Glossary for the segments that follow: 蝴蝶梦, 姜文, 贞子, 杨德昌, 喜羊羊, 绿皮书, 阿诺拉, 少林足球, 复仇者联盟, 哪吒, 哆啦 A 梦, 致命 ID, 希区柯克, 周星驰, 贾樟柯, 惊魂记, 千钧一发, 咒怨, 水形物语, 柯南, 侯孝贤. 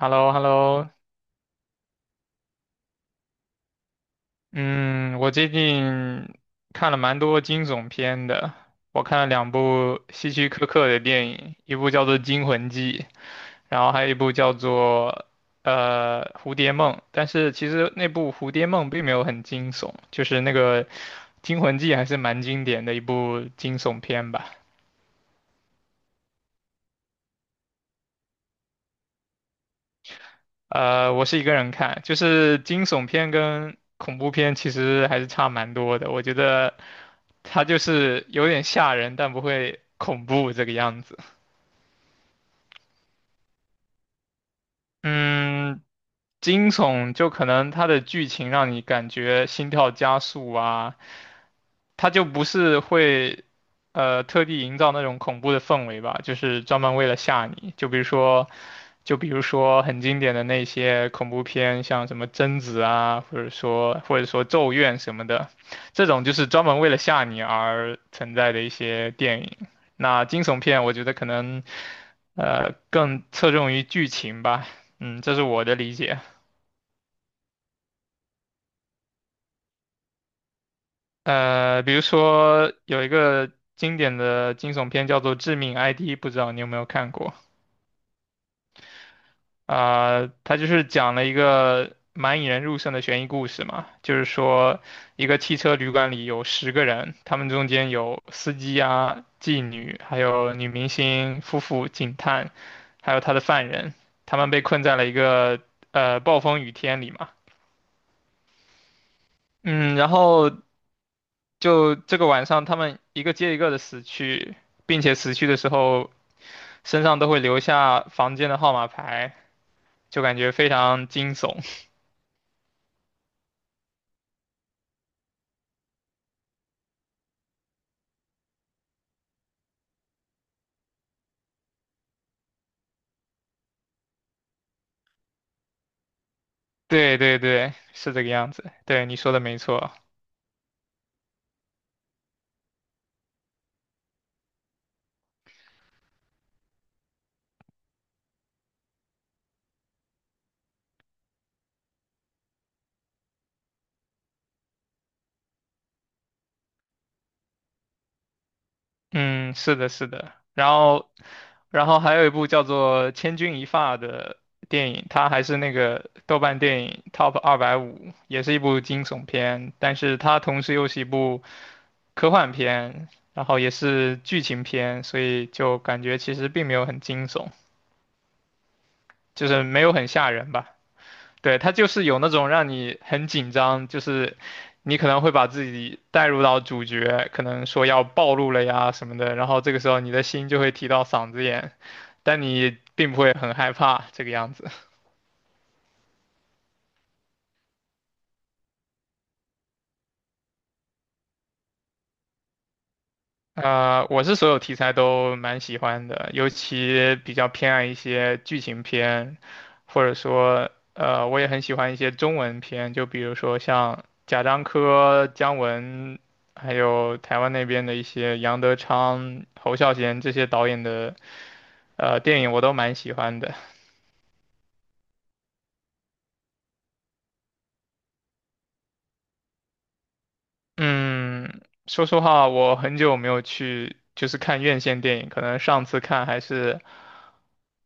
h e l l o h e l l o 嗯，我最近看了蛮多惊悚片的，我看了两部希区柯克的电影，一部叫做《惊魂记》，然后还有一部叫做《蝴蝶梦》，但是其实那部《蝴蝶梦》并没有很惊悚，就是那个《惊魂记》还是蛮经典的一部惊悚片吧。我是一个人看，就是惊悚片跟恐怖片其实还是差蛮多的。我觉得它就是有点吓人，但不会恐怖这个样子。嗯，惊悚就可能它的剧情让你感觉心跳加速啊，他就不是会特地营造那种恐怖的氛围吧，就是专门为了吓你。就比如说，就比如说很经典的那些恐怖片，像什么贞子啊，或者说咒怨什么的，这种就是专门为了吓你而存在的一些电影。那惊悚片，我觉得可能更侧重于剧情吧，嗯，这是我的理解。比如说有一个经典的惊悚片叫做《致命 ID》，不知道你有没有看过？啊、它就是讲了一个蛮引人入胜的悬疑故事嘛，就是说一个汽车旅馆里有10个人，他们中间有司机啊、妓女，还有女明星、夫妇、警探，还有他的犯人，他们被困在了一个暴风雨天里嘛。嗯，然后就这个晚上，他们一个接一个的死去，并且死去的时候身上都会留下房间的号码牌，就感觉非常惊悚。对对对，是这个样子。对，你说的没错。嗯，是的，是的。然后，然后还有一部叫做《千钧一发》的电影，它还是那个豆瓣电影 Top 250，也是一部惊悚片，但是它同时又是一部科幻片，然后也是剧情片，所以就感觉其实并没有很惊悚，就是没有很吓人吧。对，它就是有那种让你很紧张，就是你可能会把自己带入到主角，可能说要暴露了呀什么的，然后这个时候你的心就会提到嗓子眼，但你并不会很害怕这个样子。我是所有题材都蛮喜欢的，尤其比较偏爱一些剧情片，或者说，我也很喜欢一些中文片，就比如说像贾樟柯、姜文，还有台湾那边的一些杨德昌、侯孝贤这些导演的电影，我都蛮喜欢的。嗯，说实话，我很久没有去就是看院线电影，可能上次看还是。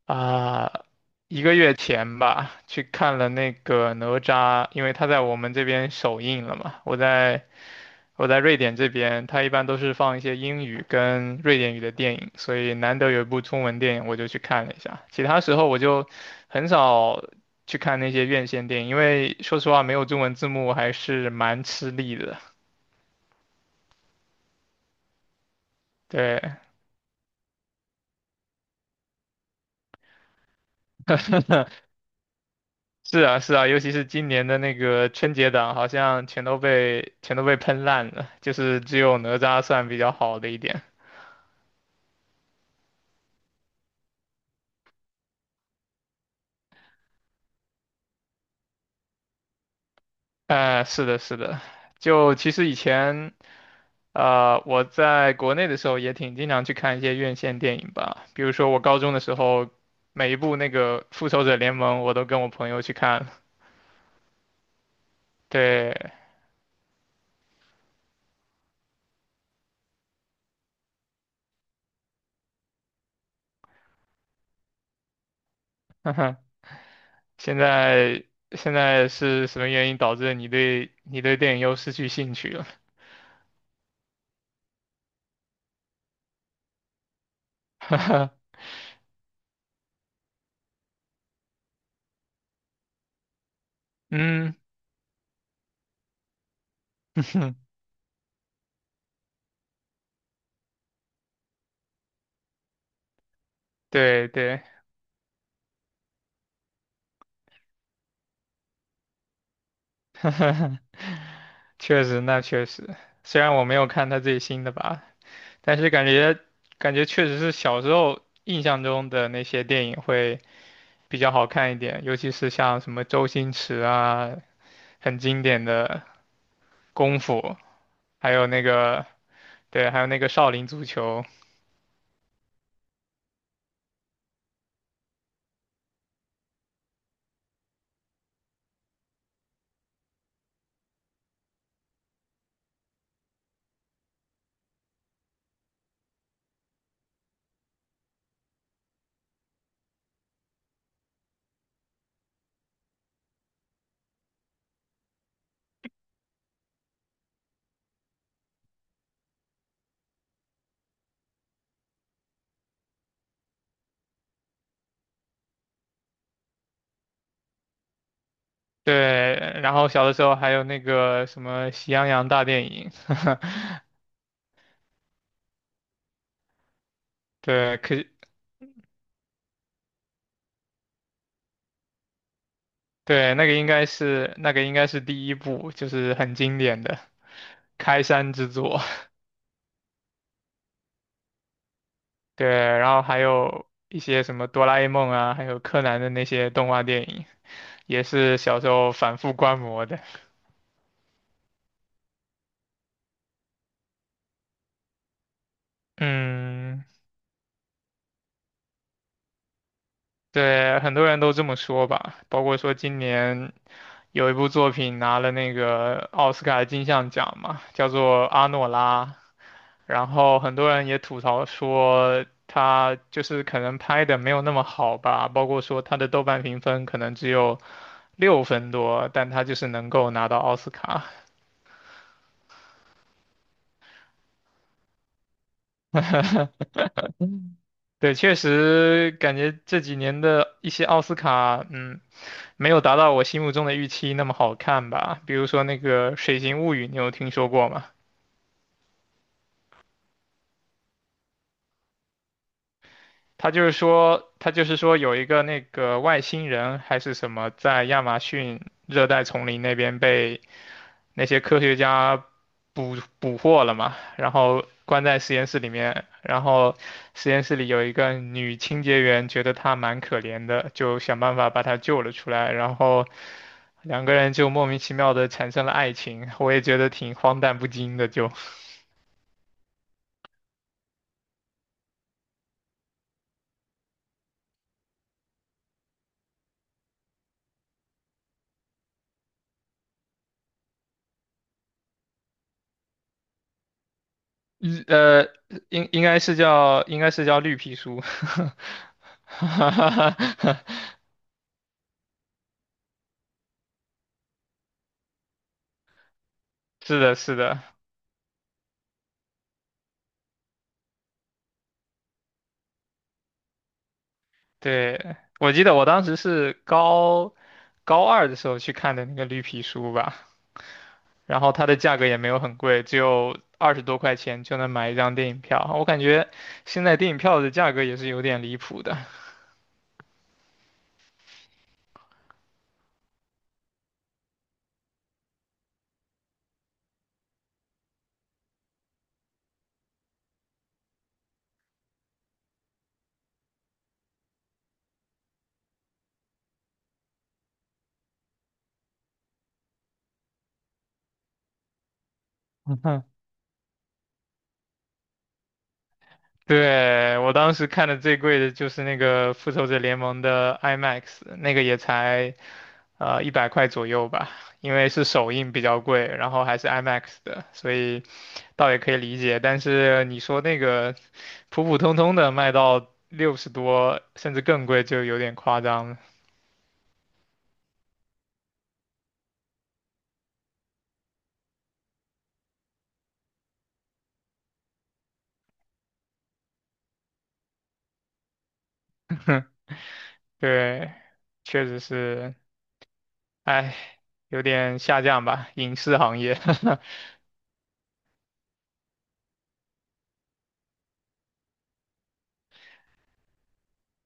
啊，1个月前吧，去看了那个哪吒，因为他在我们这边首映了嘛。我在瑞典这边，他一般都是放一些英语跟瑞典语的电影，所以难得有一部中文电影，我就去看了一下。其他时候我就很少去看那些院线电影，因为说实话没有中文字幕还是蛮吃力的。对。是啊，是啊，尤其是今年的那个春节档，好像全都被喷烂了，就是只有哪吒算比较好的一点。哎、是的，是的，就其实以前我在国内的时候也挺经常去看一些院线电影吧，比如说我高中的时候，每一部那个《复仇者联盟》我都跟我朋友去看了。对，哼哼现在现在是什么原因导致你对电影又失去兴趣了？嗯。对对，确实，那确实，虽然我没有看他最新的吧，但是感觉确实是小时候印象中的那些电影会比较好看一点，尤其是像什么周星驰啊，很经典的功夫，还有那个对，还有那个少林足球，对，然后小的时候还有那个什么喜羊羊大电影，对，可对，那个应该是第一部，就是很经典的开山之作。对，然后还有一些什么哆啦 A 梦啊，还有柯南的那些动画电影，也是小时候反复观摩的。嗯，对，很多人都这么说吧，包括说今年有一部作品拿了那个奥斯卡金像奖嘛，叫做《阿诺拉》，然后很多人也吐槽说他就是可能拍的没有那么好吧，包括说他的豆瓣评分可能只有6分多，但他就是能够拿到奥斯卡。对，确实感觉这几年的一些奥斯卡，嗯，没有达到我心目中的预期那么好看吧。比如说那个《水形物语》，你有听说过吗？他就是说，他就是说有一个那个外星人还是什么，在亚马逊热带丛林那边被那些科学家捕获了嘛，然后关在实验室里面，然后实验室里有一个女清洁员，觉得她蛮可怜的，就想办法把她救了出来，然后两个人就莫名其妙的产生了爱情，我也觉得挺荒诞不经的，就，日呃，应该是叫绿皮书，是的，是的，对，我记得我当时是高2的时候去看的那个绿皮书吧，然后它的价格也没有很贵，只有20多块钱就能买一张电影票。我感觉现在电影票的价格也是有点离谱的。对，我当时看的最贵的就是那个《复仇者联盟》的 IMAX，那个也才100块左右吧，因为是首映比较贵，然后还是 IMAX 的，所以倒也可以理解。但是你说那个普普通通的卖到60多，甚至更贵，就有点夸张了。对，确实是，哎，有点下降吧，影视行业。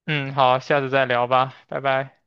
嗯，好，下次再聊吧，拜拜。